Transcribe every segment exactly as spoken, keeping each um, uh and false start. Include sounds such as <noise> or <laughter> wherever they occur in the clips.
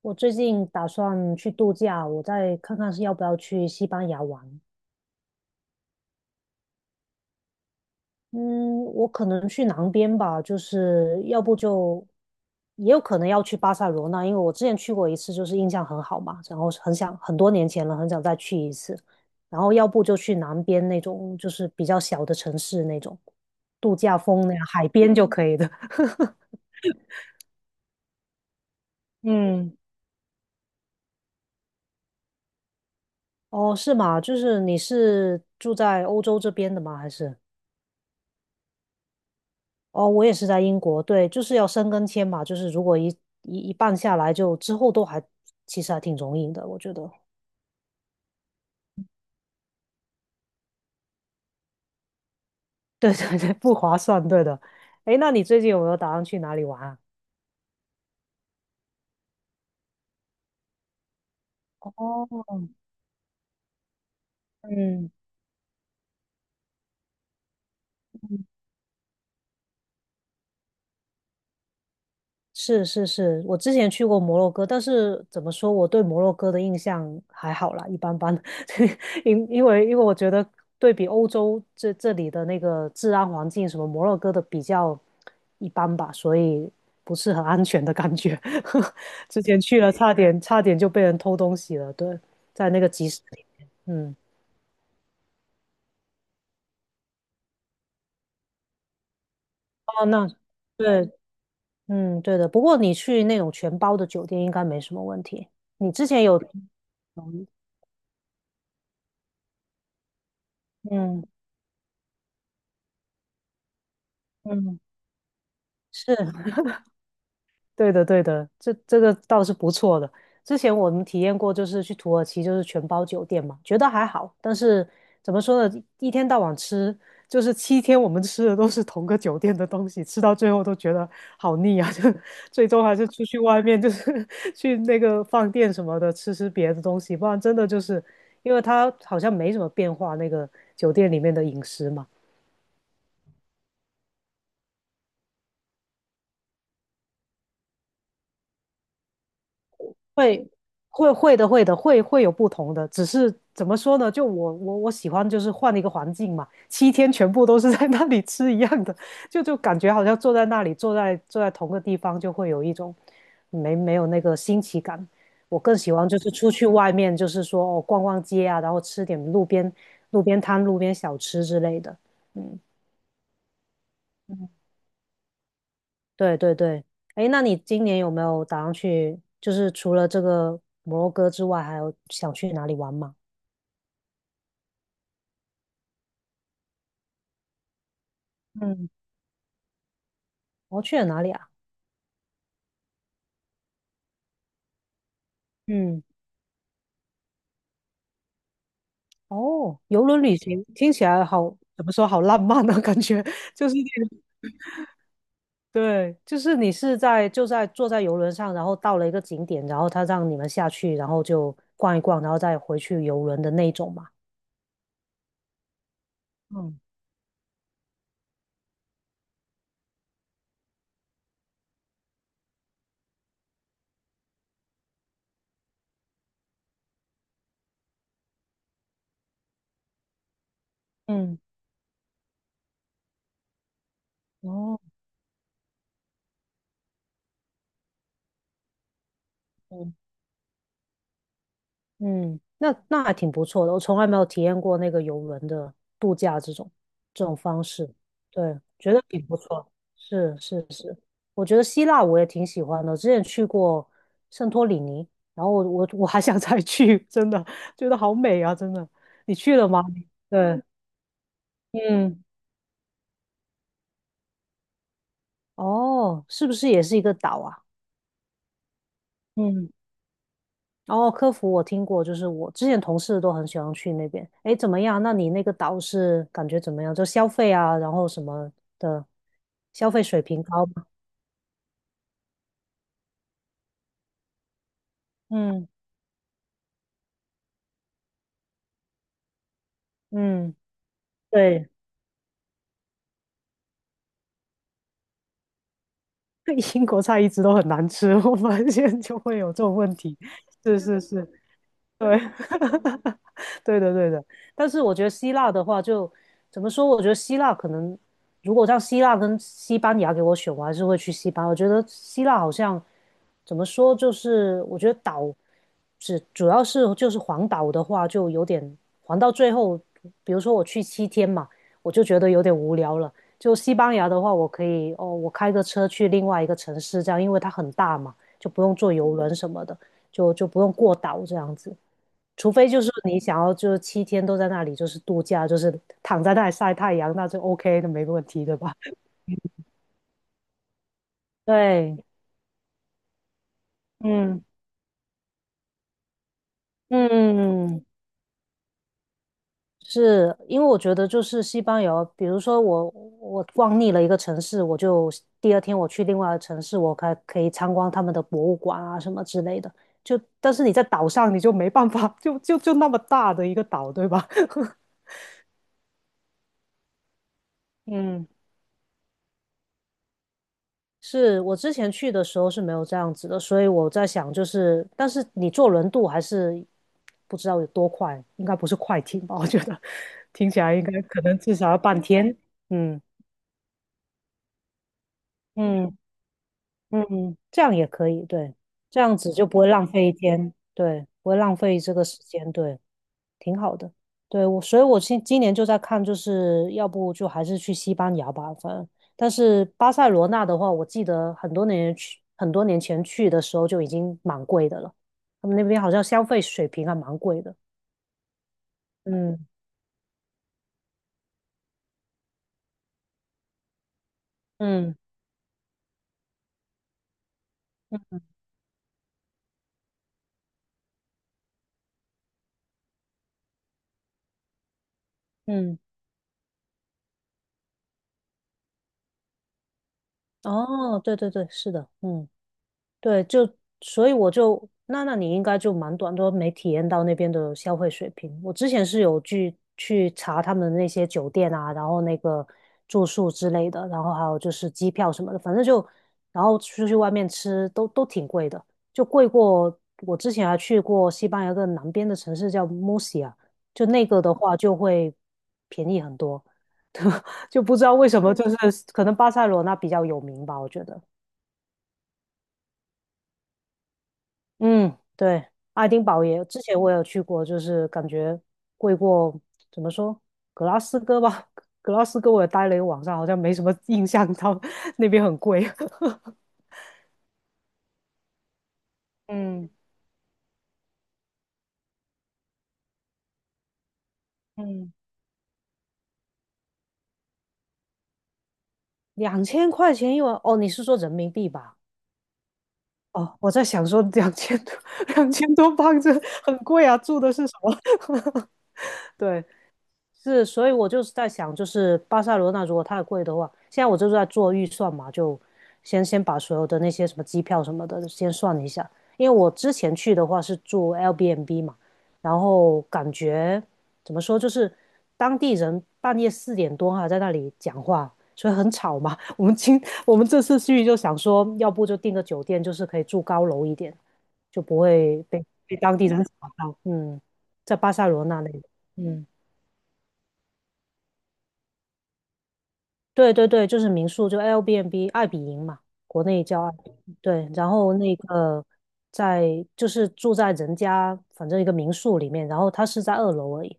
我最近打算去度假，我再看看是要不要去西班牙玩。嗯，我可能去南边吧，就是要不就也有可能要去巴塞罗那，因为我之前去过一次，就是印象很好嘛，然后很想很多年前了，很想再去一次。然后要不就去南边那种，就是比较小的城市那种度假风那样，海边就可以的。<laughs> 嗯，哦，是吗？就是你是住在欧洲这边的吗？还是？哦，我也是在英国，对，就是要申根签嘛，就是如果一一一半下来就，之后都还其实还挺容易的，我觉得。对对对，不划算，对的。诶，那你最近有没有打算去哪里玩啊？哦，嗯，是是是，我之前去过摩洛哥，但是怎么说，我对摩洛哥的印象还好啦，一般般。<laughs> 因因为因为我觉得对比欧洲这这里的那个治安环境，什么摩洛哥的比较一般吧，所以不是很安全的感觉。<laughs> 之前去了，差点差点就被人偷东西了，对，在那个集市里面。嗯，哦，那对，嗯，对的。不过你去那种全包的酒店应该没什么问题。你之前有，嗯嗯。是，对的，对的，这这个倒是不错的。之前我们体验过，就是去土耳其，就是全包酒店嘛，觉得还好。但是怎么说呢，一天到晚吃，就是七天我们吃的都是同个酒店的东西，吃到最后都觉得好腻啊！<laughs> 就最终还是出去外面，就是 <laughs> 去那个饭店什么的吃吃别的东西，不然真的就是因为它好像没什么变化，那个酒店里面的饮食嘛。会会会的，会的，会会有不同的，只是怎么说呢？就我我我喜欢就是换一个环境嘛，七天全部都是在那里吃一样的，就就感觉好像坐在那里，坐在坐在同个地方，就会有一种没没有那个新奇感。我更喜欢就是出去外面，就是说哦逛逛街啊，然后吃点路边路边摊、路边小吃之类的。嗯，对对对，哎，那你今年有没有打算去？就是除了这个摩洛哥之外，还有想去哪里玩吗？嗯，哦，去了哪里啊？嗯，哦，游轮旅行听起来好，怎么说好浪漫呢？<laughs> 感觉就是那种对，就是你是在就在坐在游轮上，然后到了一个景点，然后他让你们下去，然后就逛一逛，然后再回去游轮的那种嘛。嗯，嗯，哦，嗯，那那还挺不错的，我从来没有体验过那个游轮的度假这种这种方式，对，觉得挺不错。是是是，我觉得希腊我也挺喜欢的，之前去过圣托里尼，然后我我我还想再去，真的觉得好美啊，真的。你去了吗？对，嗯，哦，是不是也是一个岛啊？嗯。哦，科服我听过，就是我之前同事都很喜欢去那边。诶，怎么样？那你那个岛是感觉怎么样？就消费啊，然后什么的，消费水平高吗？嗯嗯，对，<laughs> 英国菜一直都很难吃，我发现就会有这种问题。是是是，对，<laughs> 对的，对的。但是我觉得希腊的话就，怎么说？我觉得希腊可能，如果让希腊跟西班牙给我选，我还是会去西班牙。我觉得希腊好像怎么说，就是我觉得岛只主要是就是环岛的话，就有点环到最后，比如说我去七天嘛，我就觉得有点无聊了。就西班牙的话，我可以哦，我开个车去另外一个城市，这样因为它很大嘛，就不用坐游轮什么的，就就不用过岛这样子。除非就是你想要就是七天都在那里就是度假，就是躺在那里晒太阳，那就 OK 的，没问题，对吧？<laughs> 对，嗯嗯，是因为我觉得就是西班牙，比如说我我逛腻了一个城市，我就第二天我去另外的城市，我可可以参观他们的博物馆啊什么之类的。就但是你在岛上你就没办法，就就就那么大的一个岛，对吧？<laughs> 嗯，是我之前去的时候是没有这样子的，所以我在想，就是但是你坐轮渡还是不知道有多快，应该不是快艇吧？我觉得听起来应该可能至少要半天。嗯嗯嗯，这样也可以，对，这样子就不会浪费一天，对，不会浪费这个时间，对。挺好的。对，我，所以我今今年就在看，就是要不就还是去西班牙吧，反正。但是巴塞罗那的话，我记得很多年去，很多年前去的时候就已经蛮贵的了。他们那边好像消费水平还蛮贵的。嗯嗯嗯嗯，哦，对对对，是的，嗯。对，就所以我就那那你应该就蛮短都没体验到那边的消费水平。我之前是有去去查他们那些酒店啊，然后那个住宿之类的，然后还有就是机票什么的，反正就然后出去外面吃都都挺贵的，就贵过我之前还去过西班牙一个南边的城市叫 m u r i a 就那个的话就会便宜很多，就不知道为什么，就是可能巴塞罗那比较有名吧，我觉得。嗯，对，爱丁堡也，之前我有去过，就是感觉贵过，怎么说，格拉斯哥吧，格拉斯哥我也待了一个晚上，好像没什么印象，到 <laughs> 那边很贵。<laughs> 嗯嗯，两千块钱一晚，哦，你是说人民币吧？哦，我在想说两千多，<laughs> 两千多镑这很贵啊，住的是什么？<laughs> 对，是，所以我就是在想，就是巴塞罗那如果太贵的话，现在我就是在做预算嘛，就先先把所有的那些什么机票什么的先算一下，因为我之前去的话是住 L b M b 嘛，然后感觉怎么说，就是当地人半夜四点多还在那里讲话，所以很吵嘛。<laughs> 我们今我们这次去就想说，要不就订个酒店，就是可以住高楼一点，就不会被被当地人吵到。嗯，在巴塞罗那那里，嗯。对对对，就是民宿，就 Airbnb 爱彼迎嘛，国内叫爱彼迎。对，然后那个在就是住在人家反正一个民宿里面，然后他是在二楼而已，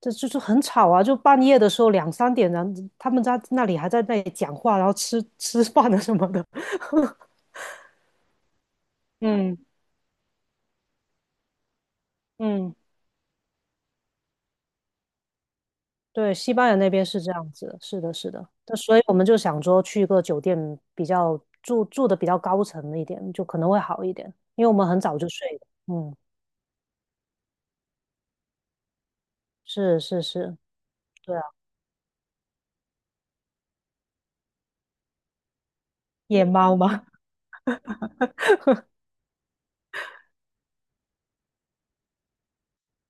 这就是很吵啊，就半夜的时候两三点，然后他们在那里还在那里讲话，然后吃吃饭啊什么的。<laughs> 嗯嗯，对，西班牙那边是这样子的是的，是的。那所以我们就想说去一个酒店比较住住的比较高层一点，就可能会好一点，因为我们很早就睡了嗯。是是是，对啊，夜猫吗？<laughs>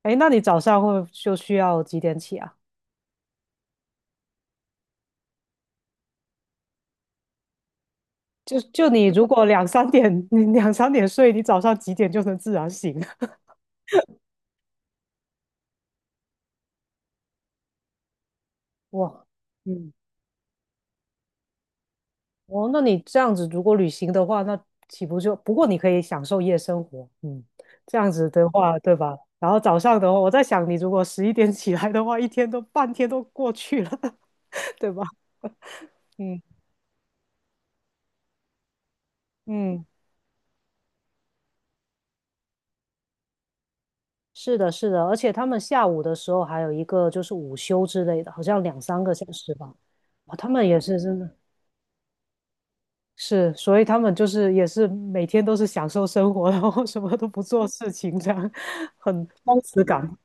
哎，那你早上会就需要几点起啊？就就你如果两三点，<laughs> 你两三点睡，你早上几点就能自然醒了？<laughs> 哇，嗯，哦，那你这样子如果旅行的话，那岂不就，不过你可以享受夜生活，嗯，这样子的话，对吧？然后早上的话，我在想，你如果十一点起来的话，一天都半天都过去了，<laughs> 对吧？嗯嗯。是的，是的，而且他们下午的时候还有一个就是午休之类的，好像两三个小时吧。哇，他们也是真的是，所以他们就是也是每天都是享受生活，然后什么都不做事情，这样很松弛感。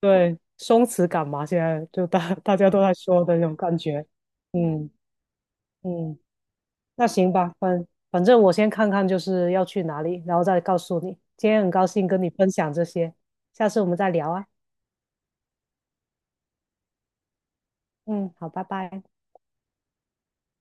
对，松弛感嘛，现在就大大家都在说的那种感觉。嗯嗯，那行吧，反反正我先看看就是要去哪里，然后再告诉你。今天很高兴跟你分享这些，下次我们再聊啊。嗯，好，拜拜。